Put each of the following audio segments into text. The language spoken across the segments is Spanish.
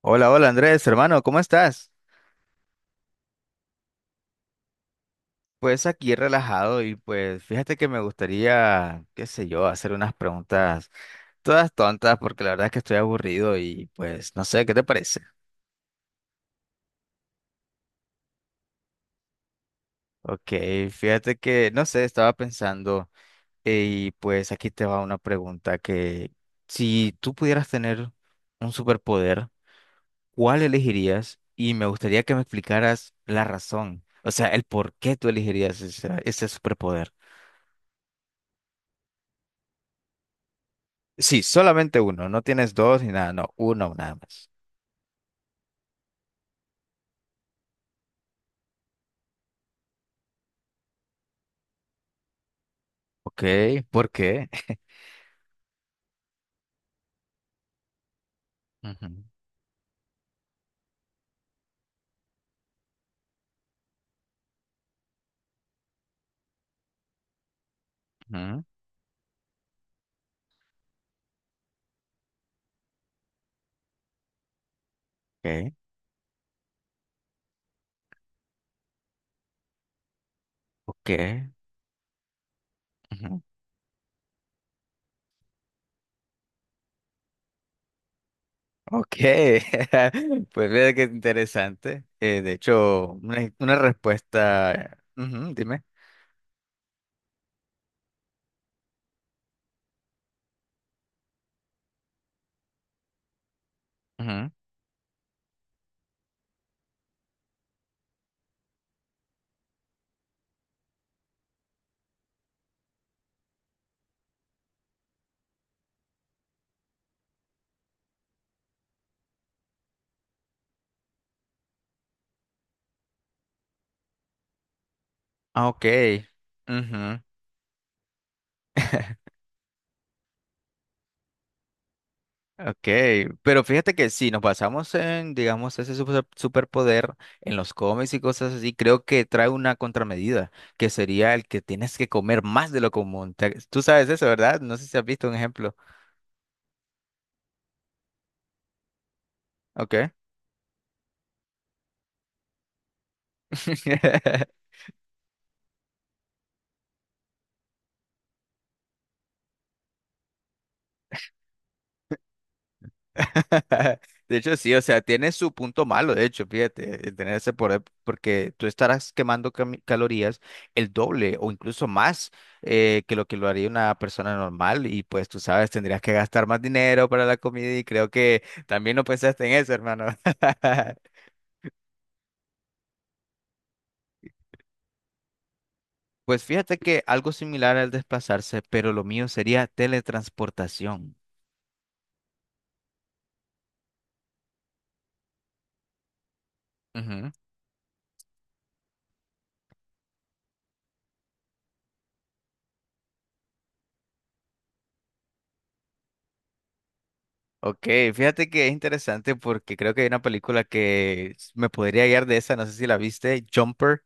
Hola, hola Andrés, hermano, ¿cómo estás? Pues aquí relajado y pues fíjate que me gustaría, qué sé yo, hacer unas preguntas todas tontas porque la verdad es que estoy aburrido y pues no sé, ¿qué te parece? Ok, fíjate que, no sé, estaba pensando y pues aquí te va una pregunta que si tú pudieras tener un superpoder, ¿cuál elegirías? Y me gustaría que me explicaras la razón, o sea, el por qué tú elegirías ese superpoder. Sí, solamente uno, no tienes dos ni nada, no, uno nada más. Ok, ¿por qué? Ujú, ujú, ok, ok, ujú, ok. Pues mira qué interesante. De hecho, una respuesta. Ujú, dime. Ujú, ah, ok. Ujú. Ok, pero fíjate que si nos basamos en, digamos, ese superpoder en los cómics y cosas así, creo que trae una contramedida, que sería el que tienes que comer más de lo común. Tú sabes eso, ¿verdad? No sé si has visto un ejemplo. Ok. De hecho, sí, o sea, tiene su punto malo, de hecho, fíjate, el tener ese poder, porque tú estarás quemando calorías el doble o incluso más que lo haría una persona normal y pues tú sabes, tendrías que gastar más dinero para la comida y creo que también no pensaste en eso, hermano. Pues fíjate que algo similar al desplazarse, pero lo mío sería teletransportación. Ujú. Ok, fíjate que es interesante porque creo que hay una película que me podría guiar de esa, no sé si la viste, Jumper.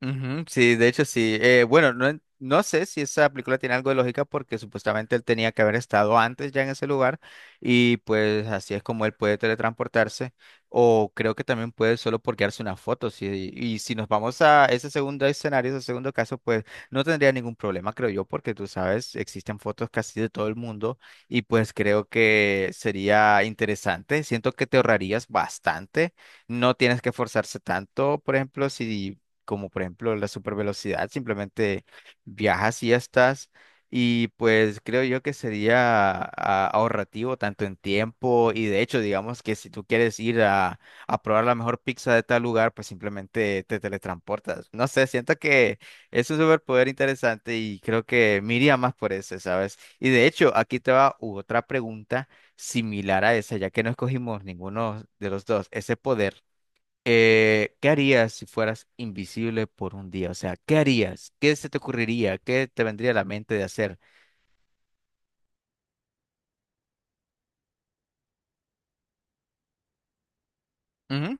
Ujú, sí, de hecho sí. Bueno, no, no sé si esa película tiene algo de lógica porque supuestamente él tenía que haber estado antes ya en ese lugar y pues así es como él puede teletransportarse o creo que también puede solo por quedarse una foto. Sí, y si nos vamos a ese segundo escenario, ese segundo caso, pues no tendría ningún problema, creo yo, porque tú sabes, existen fotos casi de todo el mundo y pues creo que sería interesante. Siento que te ahorrarías bastante. No tienes que esforzarse tanto, por ejemplo, si como por ejemplo la supervelocidad, simplemente viajas y ya estás. Y pues creo yo que sería ahorrativo tanto en tiempo y de hecho digamos que si tú quieres ir a probar la mejor pizza de tal lugar, pues simplemente te teletransportas. No sé, siento que es un superpoder interesante y creo que me iría más por ese, ¿sabes? Y de hecho aquí te va otra pregunta similar a esa, ya que no escogimos ninguno de los dos, ese poder. ¿Qué harías si fueras invisible por un día? O sea, ¿qué harías? ¿Qué se te ocurriría? ¿Qué te vendría a la mente de hacer? Ujú,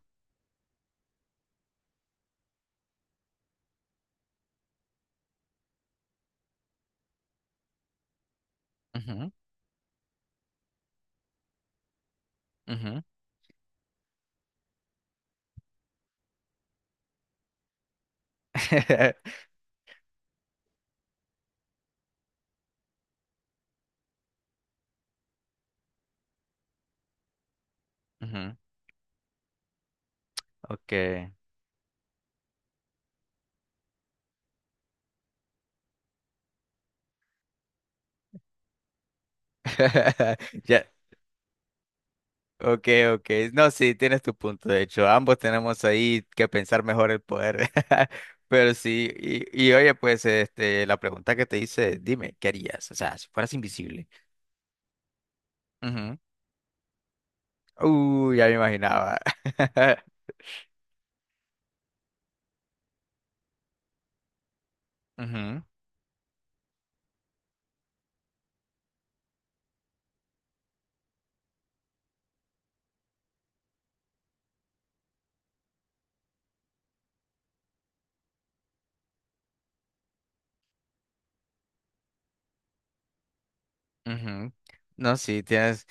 ujú, ujú, ujú. Okay. Ya. Okay, okay. No, sí, tienes tu punto. De hecho, ambos tenemos ahí que pensar mejor el poder. Pero sí, y oye, pues, este, la pregunta que te hice, dime, ¿qué harías? O sea, si fueras invisible. Ujú, uy, ya me imaginaba. Ujú, ujú. No, sí, tienes.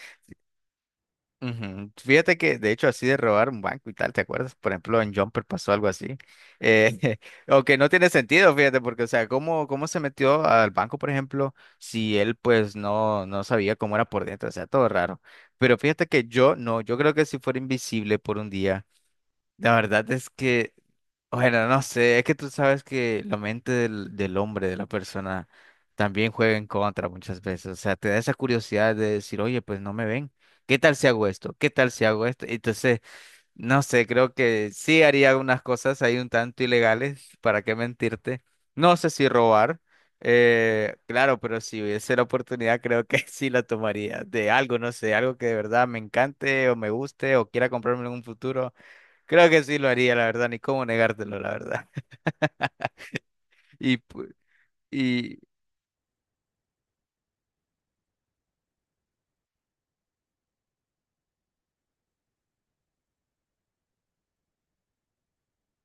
Ujú. Fíjate que, de hecho, así de robar un banco y tal, ¿te acuerdas? Por ejemplo, en Jumper pasó algo así. Eh, aunque no tiene sentido, fíjate, porque, o sea, ¿cómo se metió al banco, por ejemplo, si él, pues, no, no sabía cómo era por dentro? O sea, todo raro. Pero fíjate que yo, no, yo creo que si fuera invisible por un día, la verdad es que, bueno, no sé, es que tú sabes que la mente del hombre, de la persona, también juega en contra muchas veces. O sea, te da esa curiosidad de decir, oye, pues no me ven. ¿Qué tal si hago esto? ¿Qué tal si hago esto? Entonces, no sé, creo que sí haría unas cosas ahí un tanto ilegales, ¿para qué mentirte? No sé si robar, claro, pero si hubiese la oportunidad, creo que sí la tomaría. De algo, no sé, algo que de verdad me encante o me guste o quiera comprarme en un futuro. Creo que sí lo haría, la verdad, ni cómo negártelo, la verdad. Y, pu- y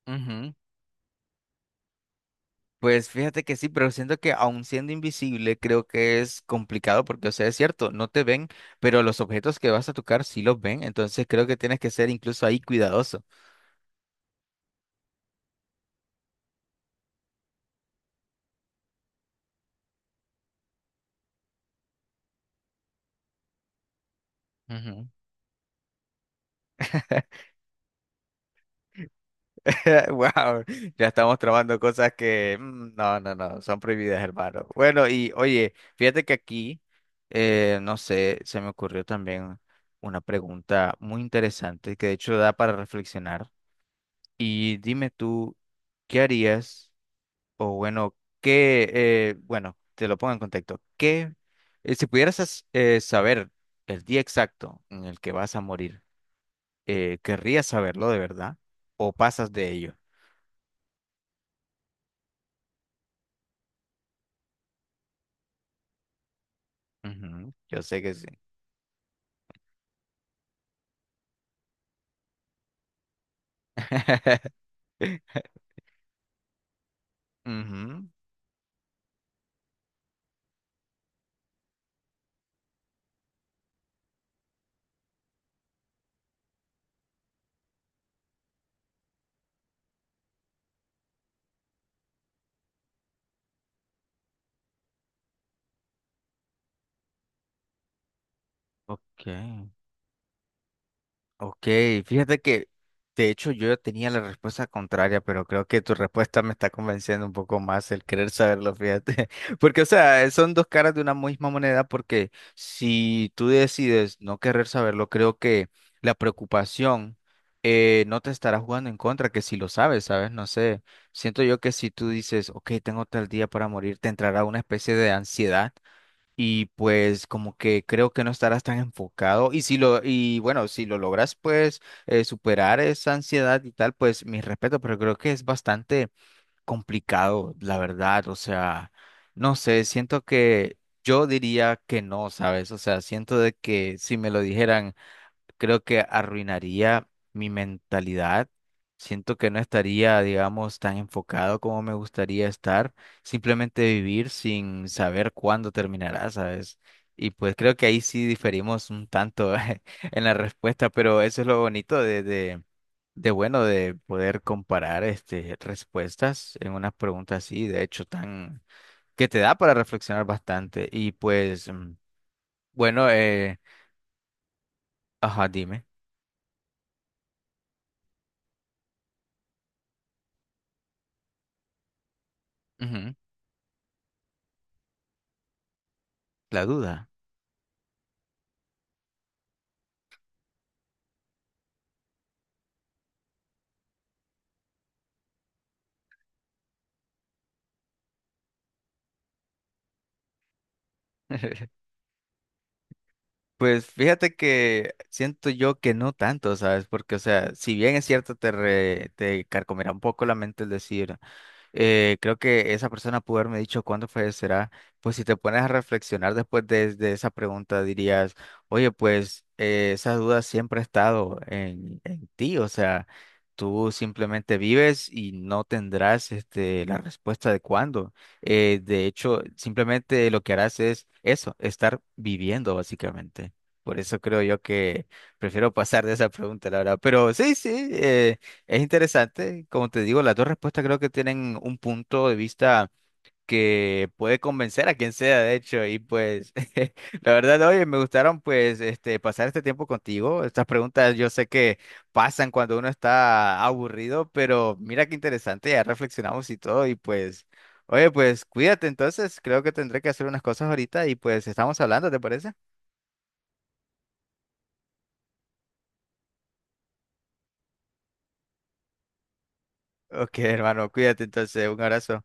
ujú, pues fíjate que sí, pero siento que aun siendo invisible, creo que es complicado porque, o sea, es cierto, no te ven, pero los objetos que vas a tocar sí los ven, entonces creo que tienes que ser incluso ahí cuidadoso. Ujú. Wow, ya estamos trabando cosas que no, no, no, son prohibidas, hermano. Bueno, y oye, fíjate que aquí, no sé, se me ocurrió también una pregunta muy interesante que de hecho da para reflexionar. Y dime tú, ¿qué harías? O bueno, bueno, te lo pongo en contexto. Si pudieras saber el día exacto en el que vas a morir, ¿querrías saberlo de verdad o pasas de ello? Ujú, yo sé que sí. Ujú, ok, ok. Fíjate que, de hecho, yo ya tenía la respuesta contraria, pero creo que tu respuesta me está convenciendo un poco más el querer saberlo, fíjate. Porque, o sea, son dos caras de una misma moneda, porque si tú decides no querer saberlo, creo que la preocupación no te estará jugando en contra, que si lo sabes, ¿sabes? No sé. Siento yo que si tú dices, ok, tengo tal día para morir, te entrará una especie de ansiedad y pues como que creo que no estarás tan enfocado y si lo y bueno, si lo logras pues superar esa ansiedad y tal, pues mis respetos pero creo que es bastante complicado, la verdad, o sea, no sé, siento que yo diría que no, ¿sabes? O sea, siento de que si me lo dijeran creo que arruinaría mi mentalidad. Siento que no estaría, digamos, tan enfocado como me gustaría estar, simplemente vivir sin saber cuándo terminará, ¿sabes? Y pues creo que ahí sí diferimos un tanto en la respuesta, pero eso es lo bonito de bueno, de poder comparar este, respuestas en unas preguntas así, de hecho, tan, que te da para reflexionar bastante. Y pues, bueno, ajá, dime. Ujú, la duda. Pues fíjate que siento yo que no tanto, ¿sabes? Porque, o sea, si bien es cierto, te, te carcomerá un poco la mente el decir creo que esa persona pudo haberme dicho cuándo fallecerá. Pues si te pones a reflexionar después de esa pregunta, dirías, oye, pues esa duda siempre ha estado en ti, o sea, tú simplemente vives y no tendrás este, la respuesta de cuándo. De hecho, simplemente lo que harás es eso, estar viviendo básicamente. Por eso creo yo que prefiero pasar de esa pregunta, la verdad. Pero sí, sí, es interesante, como te digo, las dos respuestas creo que tienen un punto de vista que puede convencer a quien sea, de hecho, y pues la verdad, oye, me gustaron pues este pasar este tiempo contigo. Estas preguntas yo sé que pasan cuando uno está aburrido, pero mira qué interesante, ya reflexionamos y todo y pues oye, pues cuídate entonces, creo que tendré que hacer unas cosas ahorita y pues estamos hablando, ¿te parece? Ok, hermano, cuídate entonces, un abrazo.